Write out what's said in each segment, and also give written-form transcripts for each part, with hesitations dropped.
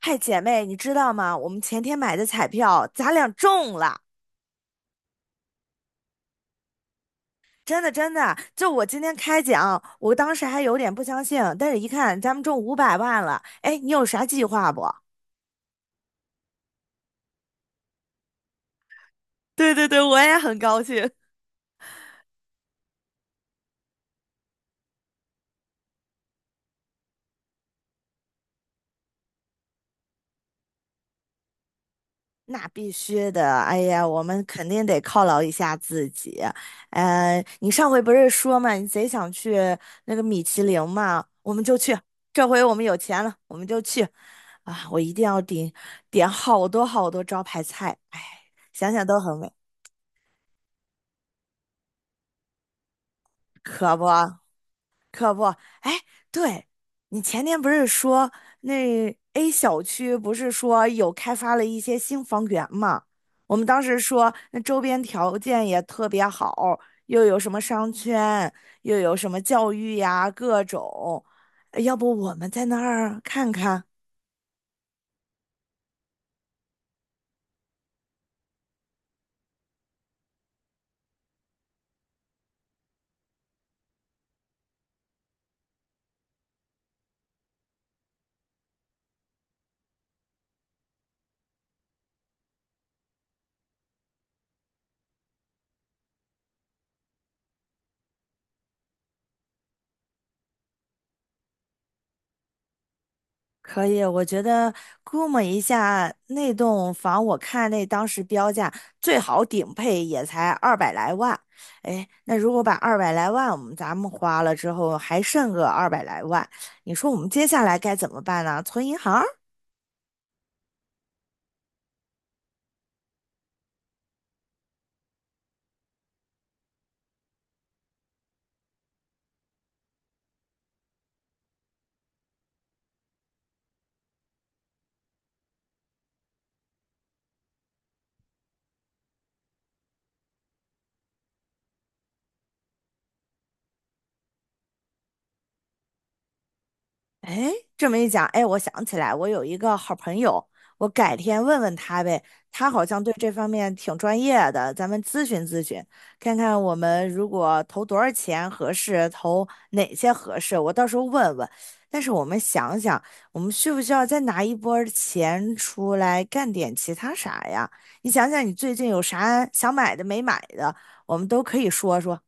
嗨，姐妹，你知道吗？我们前天买的彩票，咱俩中了，真的真的。就我今天开奖，我当时还有点不相信，但是一看咱们中五百万了，哎，你有啥计划不？对对对，我也很高兴。那必须的，哎呀，我们肯定得犒劳一下自己。你上回不是说嘛，你贼想去那个米其林嘛，我们就去。这回我们有钱了，我们就去。啊，我一定要点好多好多招牌菜，哎，想想都很美，可不。可不，哎，对，你前天不是说那 A 小区不是说有开发了一些新房源嘛？我们当时说那周边条件也特别好，又有什么商圈，又有什么教育呀，各种，要不我们在那儿看看？可以，我觉得估摸一下，那栋房我看那当时标价最好顶配也才二百来万，哎，那如果把二百来万我们咱们花了之后，还剩个二百来万，你说我们接下来该怎么办呢？存银行。哎，这么一讲，哎，我想起来，我有一个好朋友，我改天问问他呗，他好像对这方面挺专业的，咱们咨询咨询，看看我们如果投多少钱合适，投哪些合适，我到时候问问。但是我们想想，我们需不需要再拿一波儿钱出来干点其他啥呀？你想想，你最近有啥想买的没买的，我们都可以说说。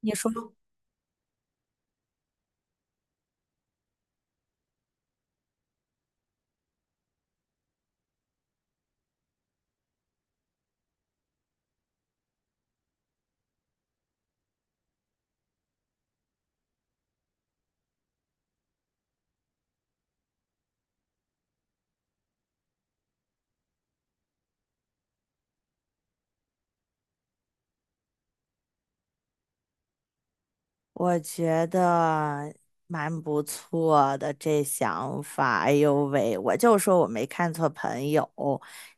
你说，我觉得蛮不错的这想法。哎呦喂，我就说我没看错朋友，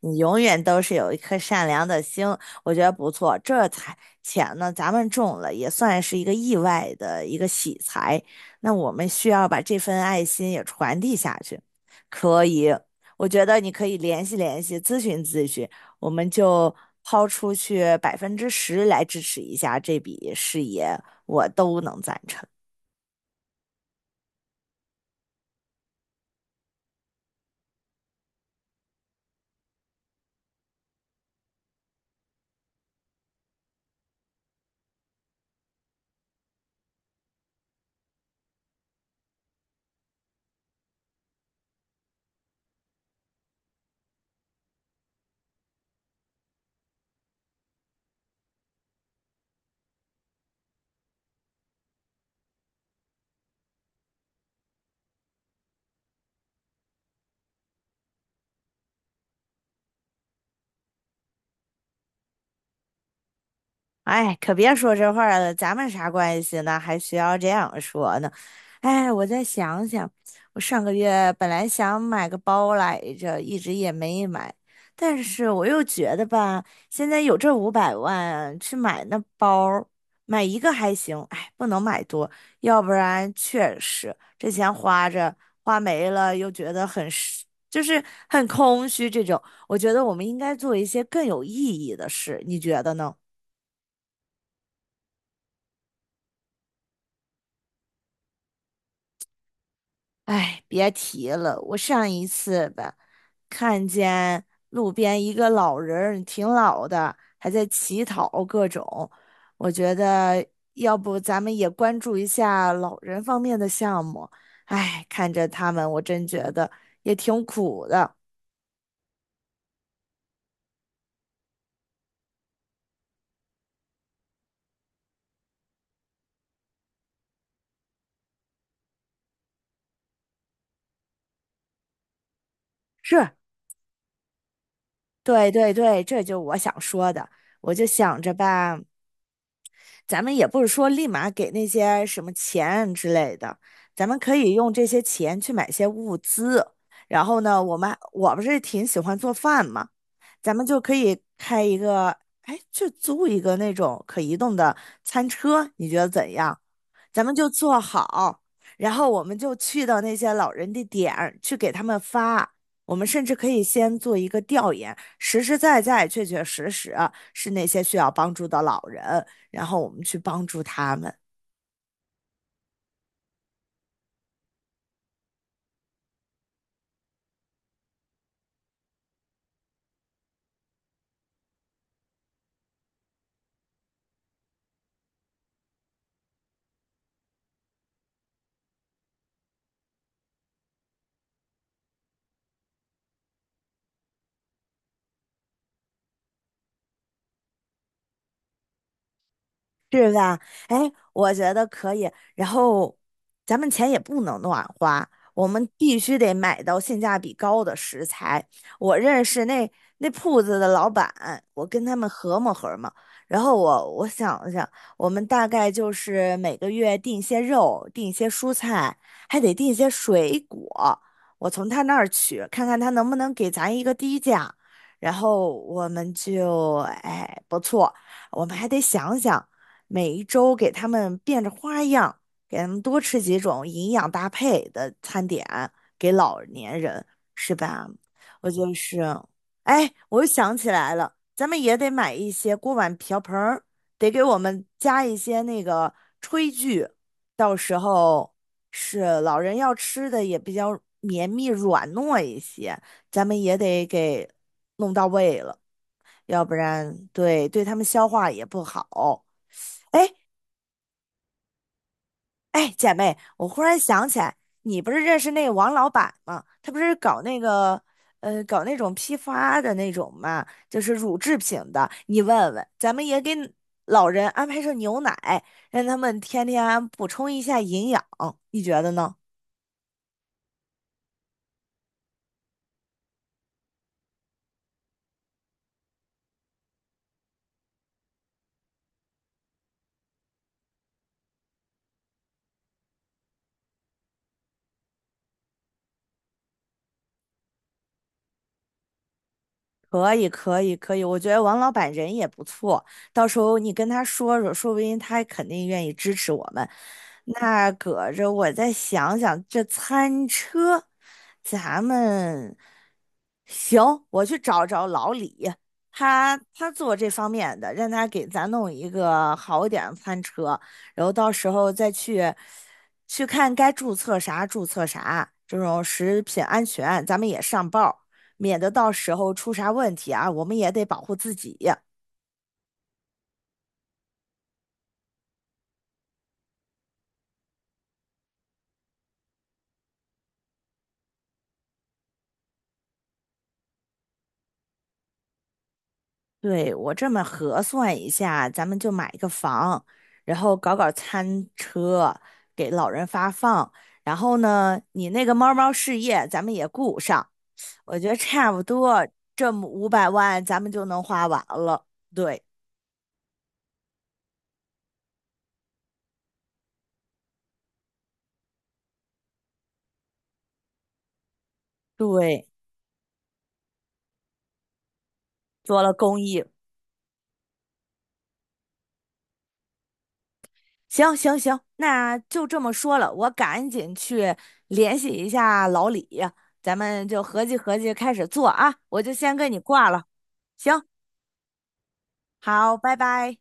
你永远都是有一颗善良的心，我觉得不错。这才钱呢，咱们中了也算是一个意外的一个喜财。那我们需要把这份爱心也传递下去，可以。我觉得你可以联系联系，咨询咨询，我们就抛出去10%来支持一下这笔事业。我都能赞成。哎，可别说这话了，咱们啥关系呢？还需要这样说呢？哎，我再想想，我上个月本来想买个包来着，一直也没买，但是我又觉得吧，现在有这五百万去买那包儿买一个还行，哎，不能买多，要不然确实这钱花着花没了，又觉得很是就是很空虚这种。我觉得我们应该做一些更有意义的事，你觉得呢？哎，别提了，我上一次吧，看见路边一个老人儿挺老的，还在乞讨各种。我觉得要不咱们也关注一下老人方面的项目。哎，看着他们，我真觉得也挺苦的。是，对对对，这就我想说的。我就想着吧，咱们也不是说立马给那些什么钱之类的，咱们可以用这些钱去买些物资。然后呢，我们我不是挺喜欢做饭嘛，咱们就可以开一个，哎，就租一个那种可移动的餐车，你觉得怎样？咱们就做好，然后我们就去到那些老人的点儿去给他们发。我们甚至可以先做一个调研，实实在在、确确实实是那些需要帮助的老人，然后我们去帮助他们。是吧？哎，我觉得可以。然后，咱们钱也不能乱花，我们必须得买到性价比高的食材。我认识那那铺子的老板，我跟他们合谋合谋。然后我想了想，我们大概就是每个月订些肉，订些蔬菜，还得订些水果。我从他那儿取，看看他能不能给咱一个低价。然后我们就，哎，不错。我们还得想想。每一周给他们变着花样，给他们多吃几种营养搭配的餐点，给老年人，是吧？我就是，哎，我又想起来了，咱们也得买一些锅碗瓢盆儿，得给我们加一些那个炊具，到时候是老人要吃的也比较绵密软糯一些，咱们也得给弄到位了，要不然对他们消化也不好。哎，哎，姐妹，我忽然想起来，你不是认识那个王老板吗？他不是搞那个，搞那种批发的那种嘛，就是乳制品的。你问问，咱们也给老人安排上牛奶，让他们天天补充一下营养，你觉得呢？可以，可以，可以。我觉得王老板人也不错，到时候你跟他说说，说不定他肯定愿意支持我们。那搁着我再想想，这餐车，咱们行，我去找找老李，他做这方面的，让他给咱弄一个好点儿的餐车，然后到时候再去去看该注册啥注册啥，这种食品安全咱们也上报。免得到时候出啥问题啊，我们也得保护自己。对，我这么核算一下，咱们就买一个房，然后搞搞餐车，给老人发放。然后呢，你那个猫猫事业咱们也顾上，我觉得差不多这么五百万咱们就能花完了。对对，做了公益。行行行，那就这么说了，我赶紧去联系一下老李，咱们就合计合计开始做啊，我就先跟你挂了。行，好，拜拜。